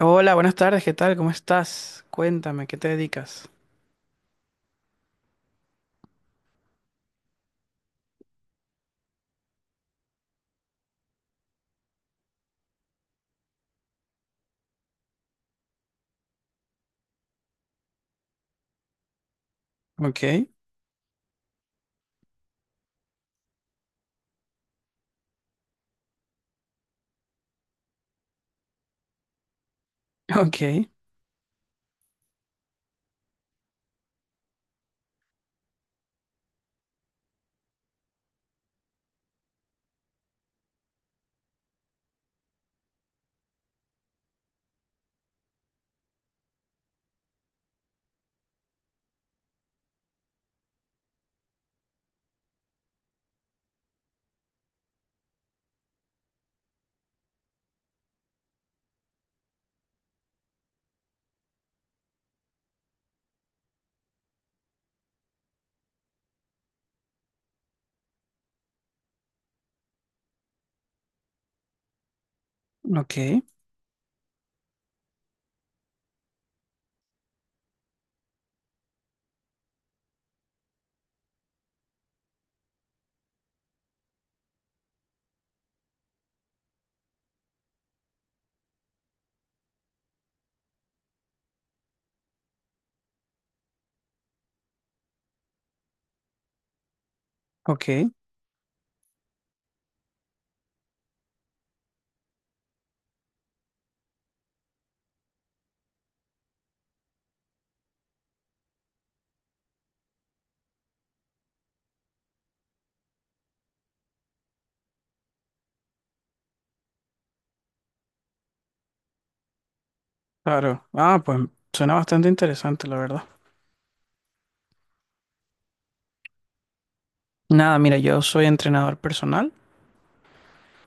Hola, buenas tardes, ¿qué tal? ¿Cómo estás? Cuéntame, ¿qué te dedicas? Ok, ok, ok, ok, claro. Ah, pues suena bastante interesante, la verdad. Nada, mira, yo soy entrenador personal.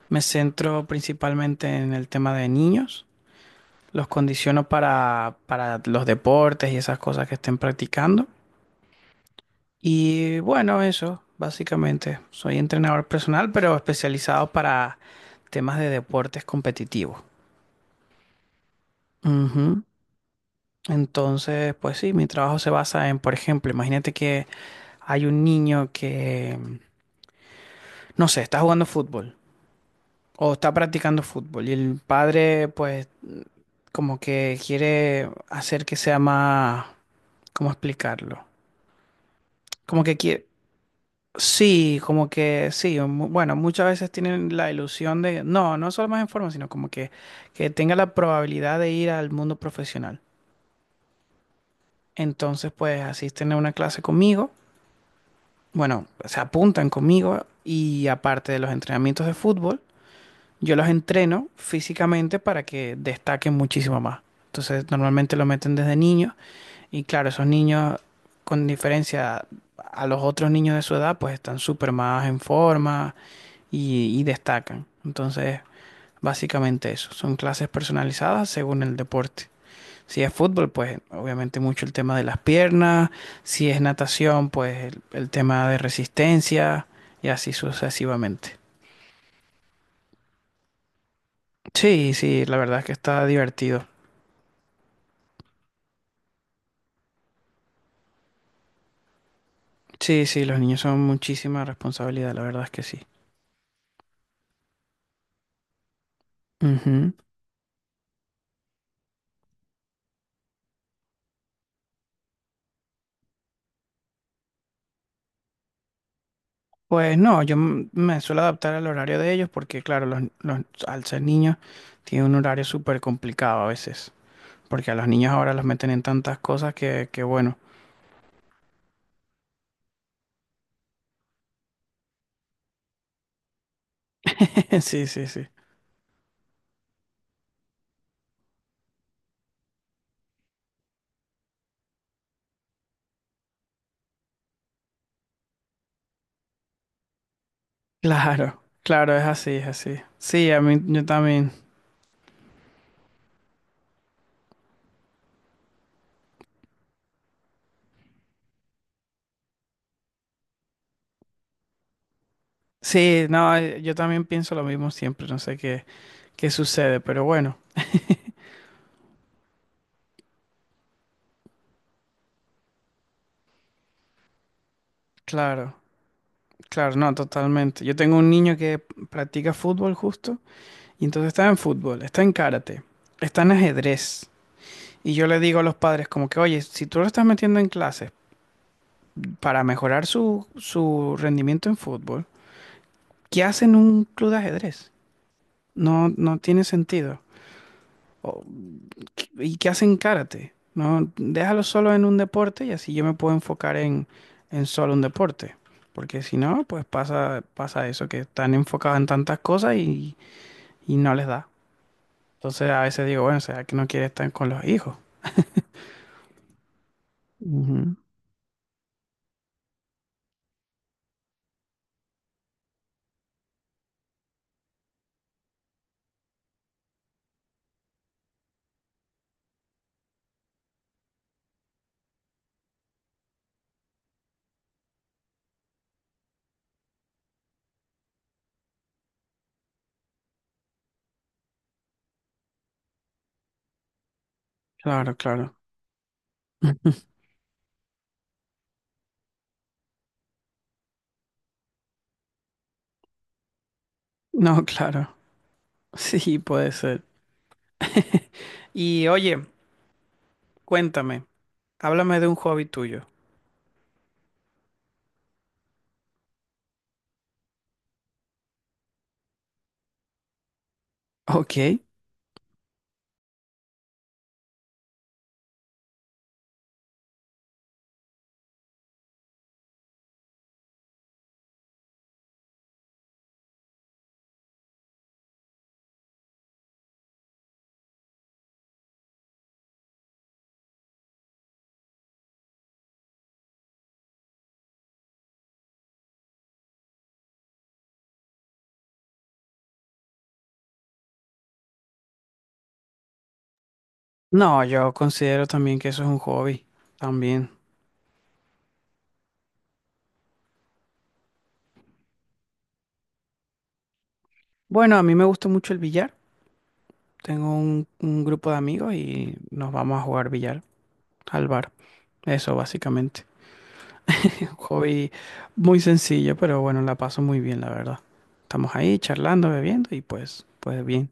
Me centro principalmente en el tema de niños. Los condiciono para los deportes y esas cosas que estén practicando. Y bueno, eso, básicamente. Soy entrenador personal, pero especializado para temas de deportes competitivos. Ujú. Entonces, pues sí, mi trabajo se basa en, por ejemplo, imagínate que hay un niño que, no sé, está jugando fútbol o está practicando fútbol y el padre, pues, como que quiere hacer que sea más, ¿cómo explicarlo? Como que quiere, sí, como que sí, bueno, muchas veces tienen la ilusión de, no, no solo más en forma, sino como que tenga la probabilidad de ir al mundo profesional. Entonces, pues, asisten a una clase conmigo. Bueno, se apuntan conmigo y aparte de los entrenamientos de fútbol, yo los entreno físicamente para que destaquen muchísimo más. Entonces, normalmente lo meten desde niños y claro, esos niños con diferencia a los otros niños de su edad, pues están súper más en forma y, destacan. Entonces, básicamente eso, son clases personalizadas según el deporte. Si es fútbol, pues obviamente mucho el tema de las piernas. Si es natación, pues el tema de resistencia y así sucesivamente. Sí, sí, la verdad es que está divertido. Sí, sí, los niños son muchísima responsabilidad, la verdad es que sí. Ujú. Pues no, yo me suelo adaptar al horario de ellos porque, claro, al ser niños tiene un horario súper complicado a veces. Porque a los niños ahora los meten en tantas cosas que bueno. Sí, sí, sí. Claro, claro, es así, es así. Sí, a mí yo también. Sí, no, yo también pienso lo mismo siempre, no sé qué, qué sucede, pero bueno, claro, claro, no, totalmente. Yo tengo un niño que practica fútbol justo, y entonces está en fútbol, está en karate, está en ajedrez. Y yo le digo a los padres como que, oye, si tú lo estás metiendo en clases para mejorar su, su rendimiento en fútbol, ¿qué hacen en un club de ajedrez? No, no tiene sentido. ¿Y qué hacen karate? No, déjalo solo en un deporte y así yo me puedo enfocar en solo un deporte. Porque si no, pues pasa, pasa eso, que están enfocados en tantas cosas y, no les da. Entonces a veces digo, bueno, será que no quiere estar con los hijos. Ujú. Claro, claro. No, claro. Sí, puede ser. Y oye, cuéntame, háblame de un hobby tuyo. Ok. No, yo considero también que eso es un hobby. También. Bueno, a mí me gusta mucho el billar. Tengo un grupo de amigos y nos vamos a jugar billar al bar. Eso básicamente. Un hobby muy sencillo, pero bueno, la paso muy bien, la verdad. Estamos ahí charlando, bebiendo y pues, pues bien.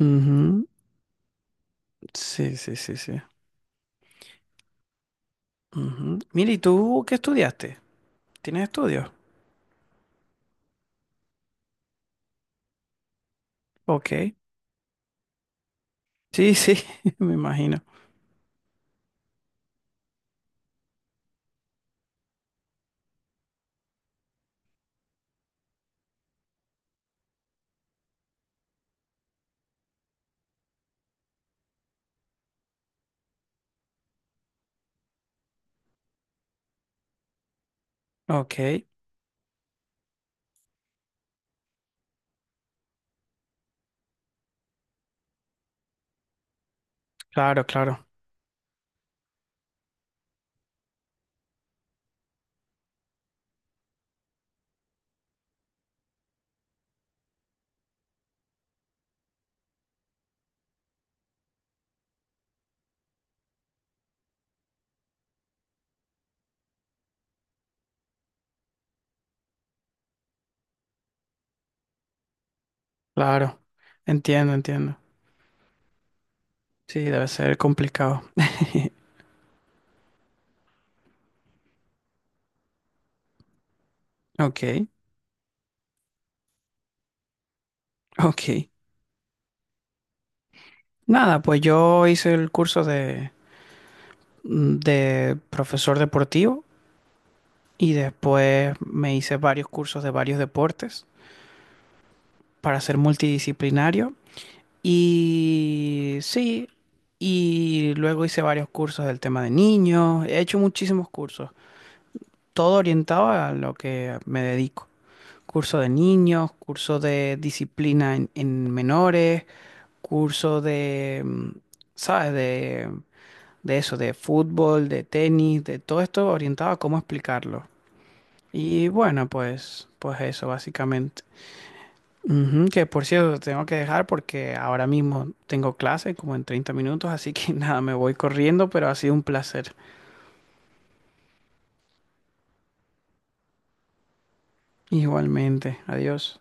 Ujú. Sí, sí, sí, sí. Ujú. Mira, ¿y tú qué estudiaste? ¿Tienes estudios? Ok. Sí, sí, me imagino. Ok. Claro, claro, claro. Entiendo, entiendo. Sí, debe ser complicado. Ok, ok. Nada, pues yo hice el curso de de profesor deportivo y después me hice varios cursos de varios deportes para ser multidisciplinario y sí, y luego hice varios cursos del tema de niños, he hecho muchísimos cursos, todo orientado a lo que me dedico. Curso de niños, curso de disciplina en menores, curso de, ¿sabes? De eso, de fútbol, de tenis, de todo esto orientado a cómo explicarlo. Y bueno, pues, pues eso básicamente. Ujú, que por cierto, tengo que dejar porque ahora mismo tengo clase como en 30 minutos, así que nada, me voy corriendo, pero ha sido un placer. Igualmente, adiós.